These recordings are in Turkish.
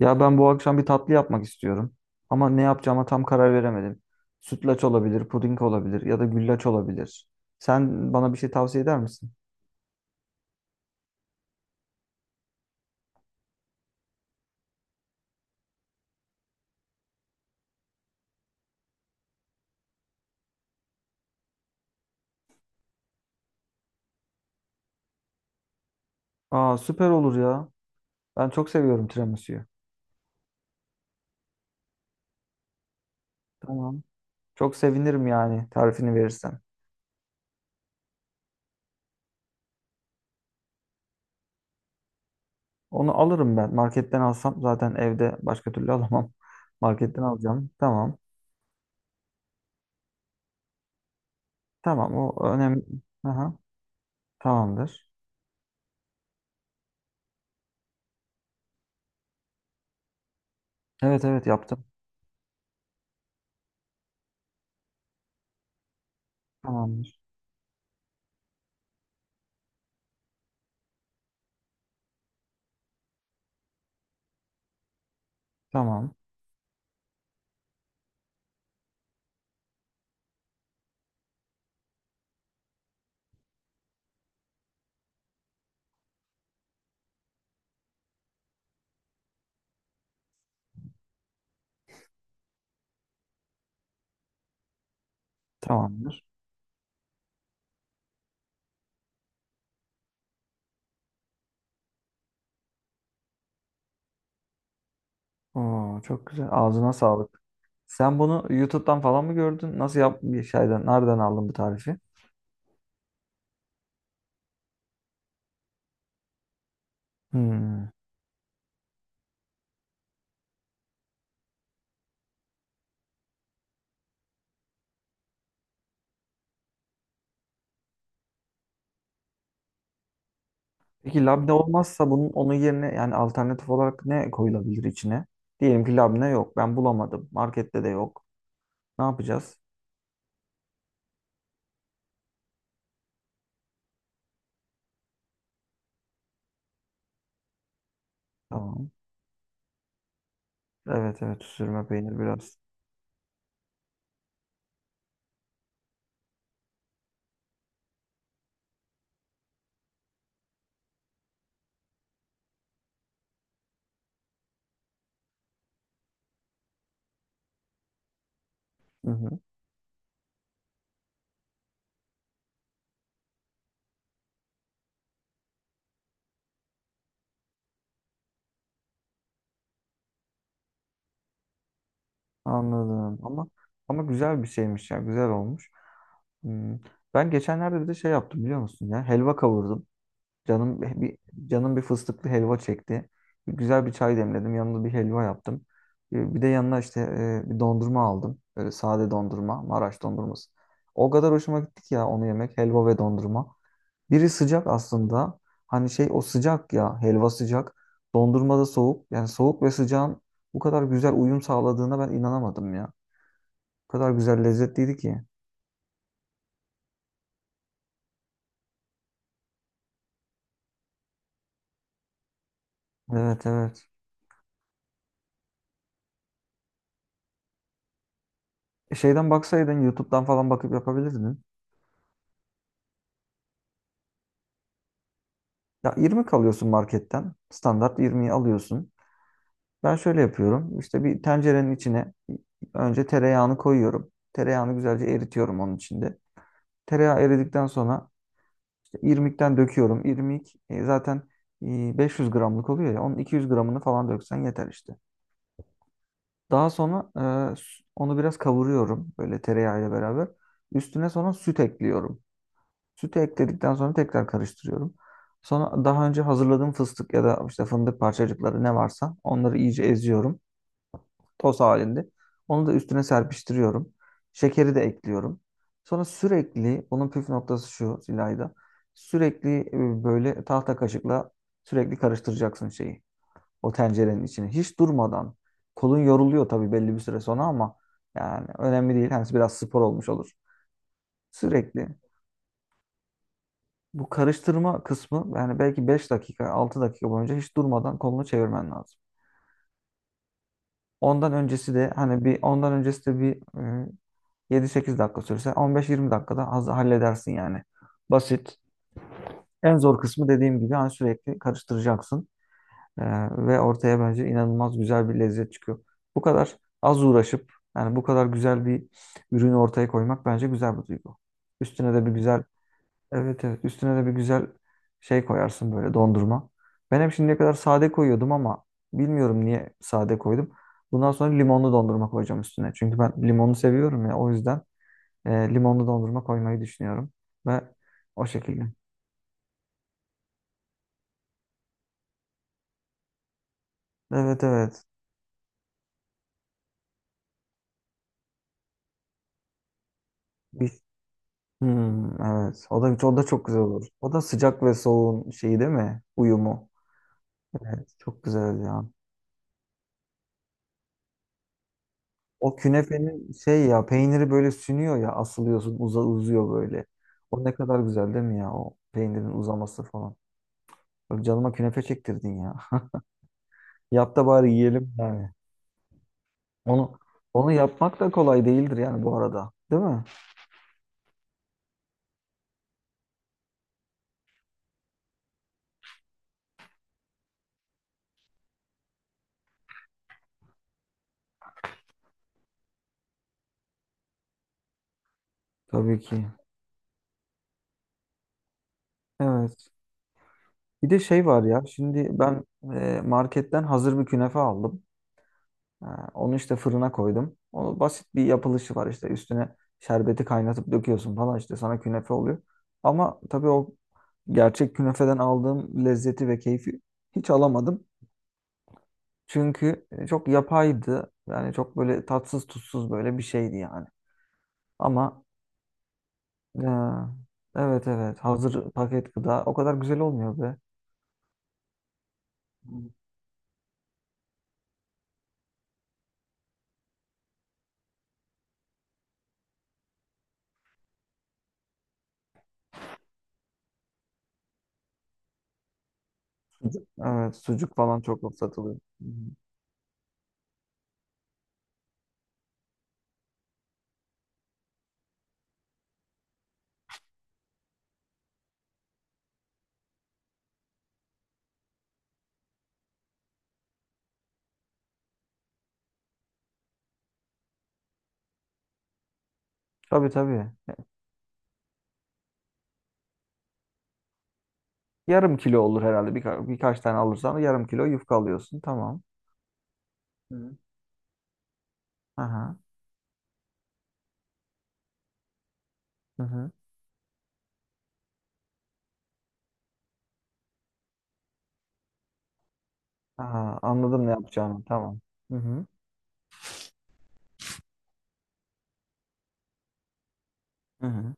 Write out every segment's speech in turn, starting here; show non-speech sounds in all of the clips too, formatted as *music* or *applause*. Ya ben bu akşam bir tatlı yapmak istiyorum. Ama ne yapacağıma tam karar veremedim. Sütlaç olabilir, puding olabilir ya da güllaç olabilir. Sen bana bir şey tavsiye eder misin? Aa, süper olur ya. Ben çok seviyorum tiramisu'yu. Tamam. Çok sevinirim yani tarifini verirsen. Onu alırım ben. Marketten alsam zaten evde başka türlü alamam. *laughs* Marketten alacağım. Tamam. Tamam, o önemli. Aha, tamamdır. Evet evet, yaptım. Tamamdır. Tamam. Tamamdır. Oo, çok güzel. Ağzına sağlık. Sen bunu YouTube'dan falan mı gördün? Nasıl yap bir şeyden, nereden aldın bu tarifi? Hmm. Peki labne olmazsa bunun onun yerine yani alternatif olarak ne koyulabilir içine? Diyelim ki labne yok. Ben bulamadım. Markette de yok. Ne yapacağız? Tamam. Evet evet, sürme peynir biraz. Hı hı. Anladım. Ama güzel bir şeymiş ya. Güzel olmuş. Hmm. Ben geçenlerde bir de şey yaptım biliyor musun ya? Helva kavurdum. Canım bir canım bir fıstıklı helva çekti. Bir güzel bir çay demledim. Yanında bir helva yaptım. Bir de yanına işte bir dondurma aldım. Böyle sade dondurma, Maraş dondurması. O kadar hoşuma gitti ki ya, onu yemek, helva ve dondurma. Biri sıcak aslında. Hani şey, o sıcak ya, helva sıcak. Dondurma da soğuk. Yani soğuk ve sıcağın bu kadar güzel uyum sağladığına ben inanamadım ya. O kadar güzel lezzetliydi ki. Evet evet. Şeyden baksaydın YouTube'dan falan bakıp yapabilirdin. Ya 20 kalıyorsun marketten. Standart 20'yi alıyorsun. Ben şöyle yapıyorum. İşte bir tencerenin içine önce tereyağını koyuyorum. Tereyağını güzelce eritiyorum onun içinde. Tereyağı eridikten sonra işte irmikten döküyorum. İrmik zaten 500 gramlık oluyor ya. Onun 200 gramını falan döksen yeter işte. Daha sonra onu biraz kavuruyorum böyle tereyağıyla beraber. Üstüne sonra süt ekliyorum. Sütü ekledikten sonra tekrar karıştırıyorum. Sonra daha önce hazırladığım fıstık ya da işte fındık parçacıkları ne varsa onları iyice eziyorum. Toz halinde. Onu da üstüne serpiştiriyorum. Şekeri de ekliyorum. Sonra sürekli, bunun püf noktası şu Zilayda. Sürekli böyle tahta kaşıkla sürekli karıştıracaksın şeyi. O tencerenin içini. Hiç durmadan. Kolun yoruluyor tabii belli bir süre sonra ama yani önemli değil. Hani biraz spor olmuş olur. Sürekli. Bu karıştırma kısmı yani belki 5 dakika 6 dakika boyunca hiç durmadan kolunu çevirmen lazım. Ondan öncesi de bir e, 7-8 dakika sürse 15-20 dakikada az halledersin yani. Basit. En zor kısmı dediğim gibi hani sürekli karıştıracaksın. E, ve ortaya bence inanılmaz güzel bir lezzet çıkıyor. Bu kadar az uğraşıp yani bu kadar güzel bir ürünü ortaya koymak bence güzel bir duygu. Üstüne de bir güzel evet evet, üstüne de bir güzel şey koyarsın böyle, dondurma. Ben hep şimdiye kadar sade koyuyordum ama bilmiyorum niye sade koydum. Bundan sonra limonlu dondurma koyacağım üstüne. Çünkü ben limonu seviyorum ya, o yüzden limonlu dondurma koymayı düşünüyorum. Ve o şekilde. Evet evet. Bir... Hmm, evet. O da çok güzel olur. O da sıcak ve soğuğun şeyi değil mi? Uyumu. Evet, çok güzel ya. O künefenin şey, ya peyniri böyle sünüyor ya, asılıyorsun, uzuyor böyle. O ne kadar güzel değil mi ya, o peynirin uzaması falan. Böyle canıma künefe çektirdin ya. *laughs* Yap da bari yiyelim yani. Onu onu yapmak da kolay değildir yani bu arada. Değil mi? Tabii ki. Evet. Bir de şey var ya, şimdi ben marketten hazır bir künefe aldım. Ha, onu işte fırına koydum. Onu basit bir yapılışı var, işte üstüne şerbeti kaynatıp döküyorsun falan, işte sana künefe oluyor. Ama tabii o gerçek künefeden aldığım lezzeti ve keyfi hiç alamadım. Çünkü çok yapaydı. Yani çok böyle tatsız tutsuz böyle bir şeydi yani. Ama e, evet evet, hazır paket gıda o kadar güzel olmuyor be. Sucuk, evet sucuk falan çok satılıyor. Hı hı. Tabii tabii. Yarım kilo olur herhalde. Birkaç tane alırsan yarım kilo yufka alıyorsun. Tamam. Hı. Aha. Hı hı. Aha, anladım ne yapacağını. Tamam. Hı hı. Hı hı.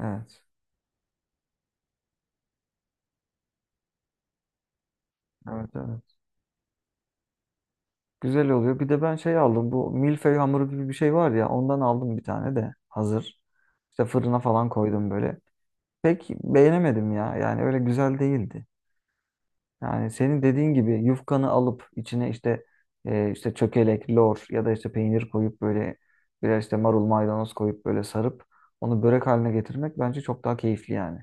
Evet. Evet, evet. Güzel oluyor. Bir de ben şey aldım. Bu milföy hamuru gibi bir şey var ya. Ondan aldım bir tane de. Hazır. İşte fırına falan koydum böyle. Pek beğenemedim ya. Yani öyle güzel değildi. Yani senin dediğin gibi yufkanı alıp içine işte işte çökelek, lor ya da işte peynir koyup böyle biraz işte marul maydanoz koyup böyle sarıp onu börek haline getirmek bence çok daha keyifli yani.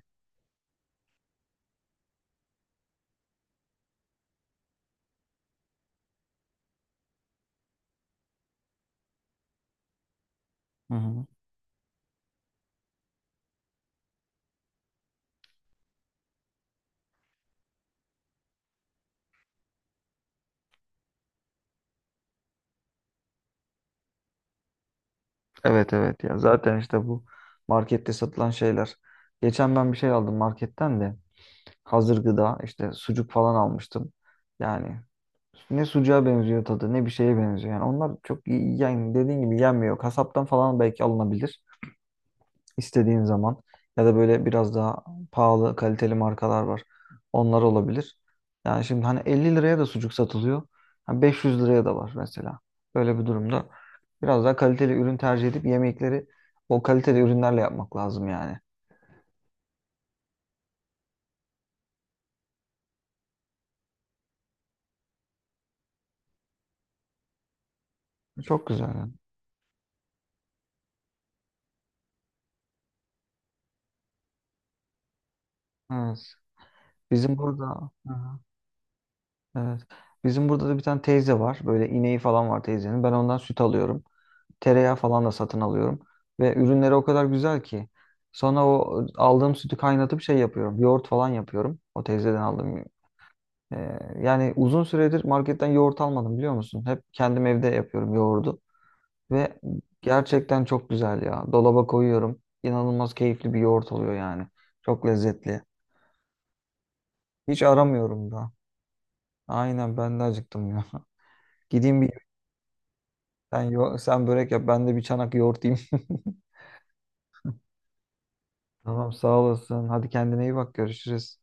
Hı hı. Evet evet, ya zaten işte bu markette satılan şeyler. Geçen ben bir şey aldım marketten de hazır gıda işte sucuk falan almıştım. Yani ne sucuğa benziyor tadı ne bir şeye benziyor. Yani onlar çok iyi- yani dediğin gibi yenmiyor. Kasaptan falan belki alınabilir. İstediğin zaman ya da böyle biraz daha pahalı kaliteli markalar var. Onlar olabilir. Yani şimdi hani 50 liraya da sucuk satılıyor. Hani 500 liraya da var mesela. Böyle bir durumda biraz daha kaliteli ürün tercih edip yemekleri o kaliteli ürünlerle yapmak lazım yani. Çok güzel, yani. Evet. Bizim burada hı hı, evet. Bizim burada da bir tane teyze var. Böyle ineği falan var teyzenin. Ben ondan süt alıyorum. Tereyağı falan da satın alıyorum. Ve ürünleri o kadar güzel ki. Sonra o aldığım sütü kaynatıp şey yapıyorum. Yoğurt falan yapıyorum. O teyzeden aldığım. e, Yani uzun süredir marketten yoğurt almadım biliyor musun? Hep kendim evde yapıyorum yoğurdu. Ve gerçekten çok güzel ya. Dolaba koyuyorum. İnanılmaz keyifli bir yoğurt oluyor yani. Çok lezzetli. Hiç aramıyorum da. Aynen, ben de acıktım ya. *laughs* Gideyim bir sen börek yap, ben de bir çanak yoğurt yiyeyim. *laughs* Tamam, sağ olasın. Hadi kendine iyi bak, görüşürüz.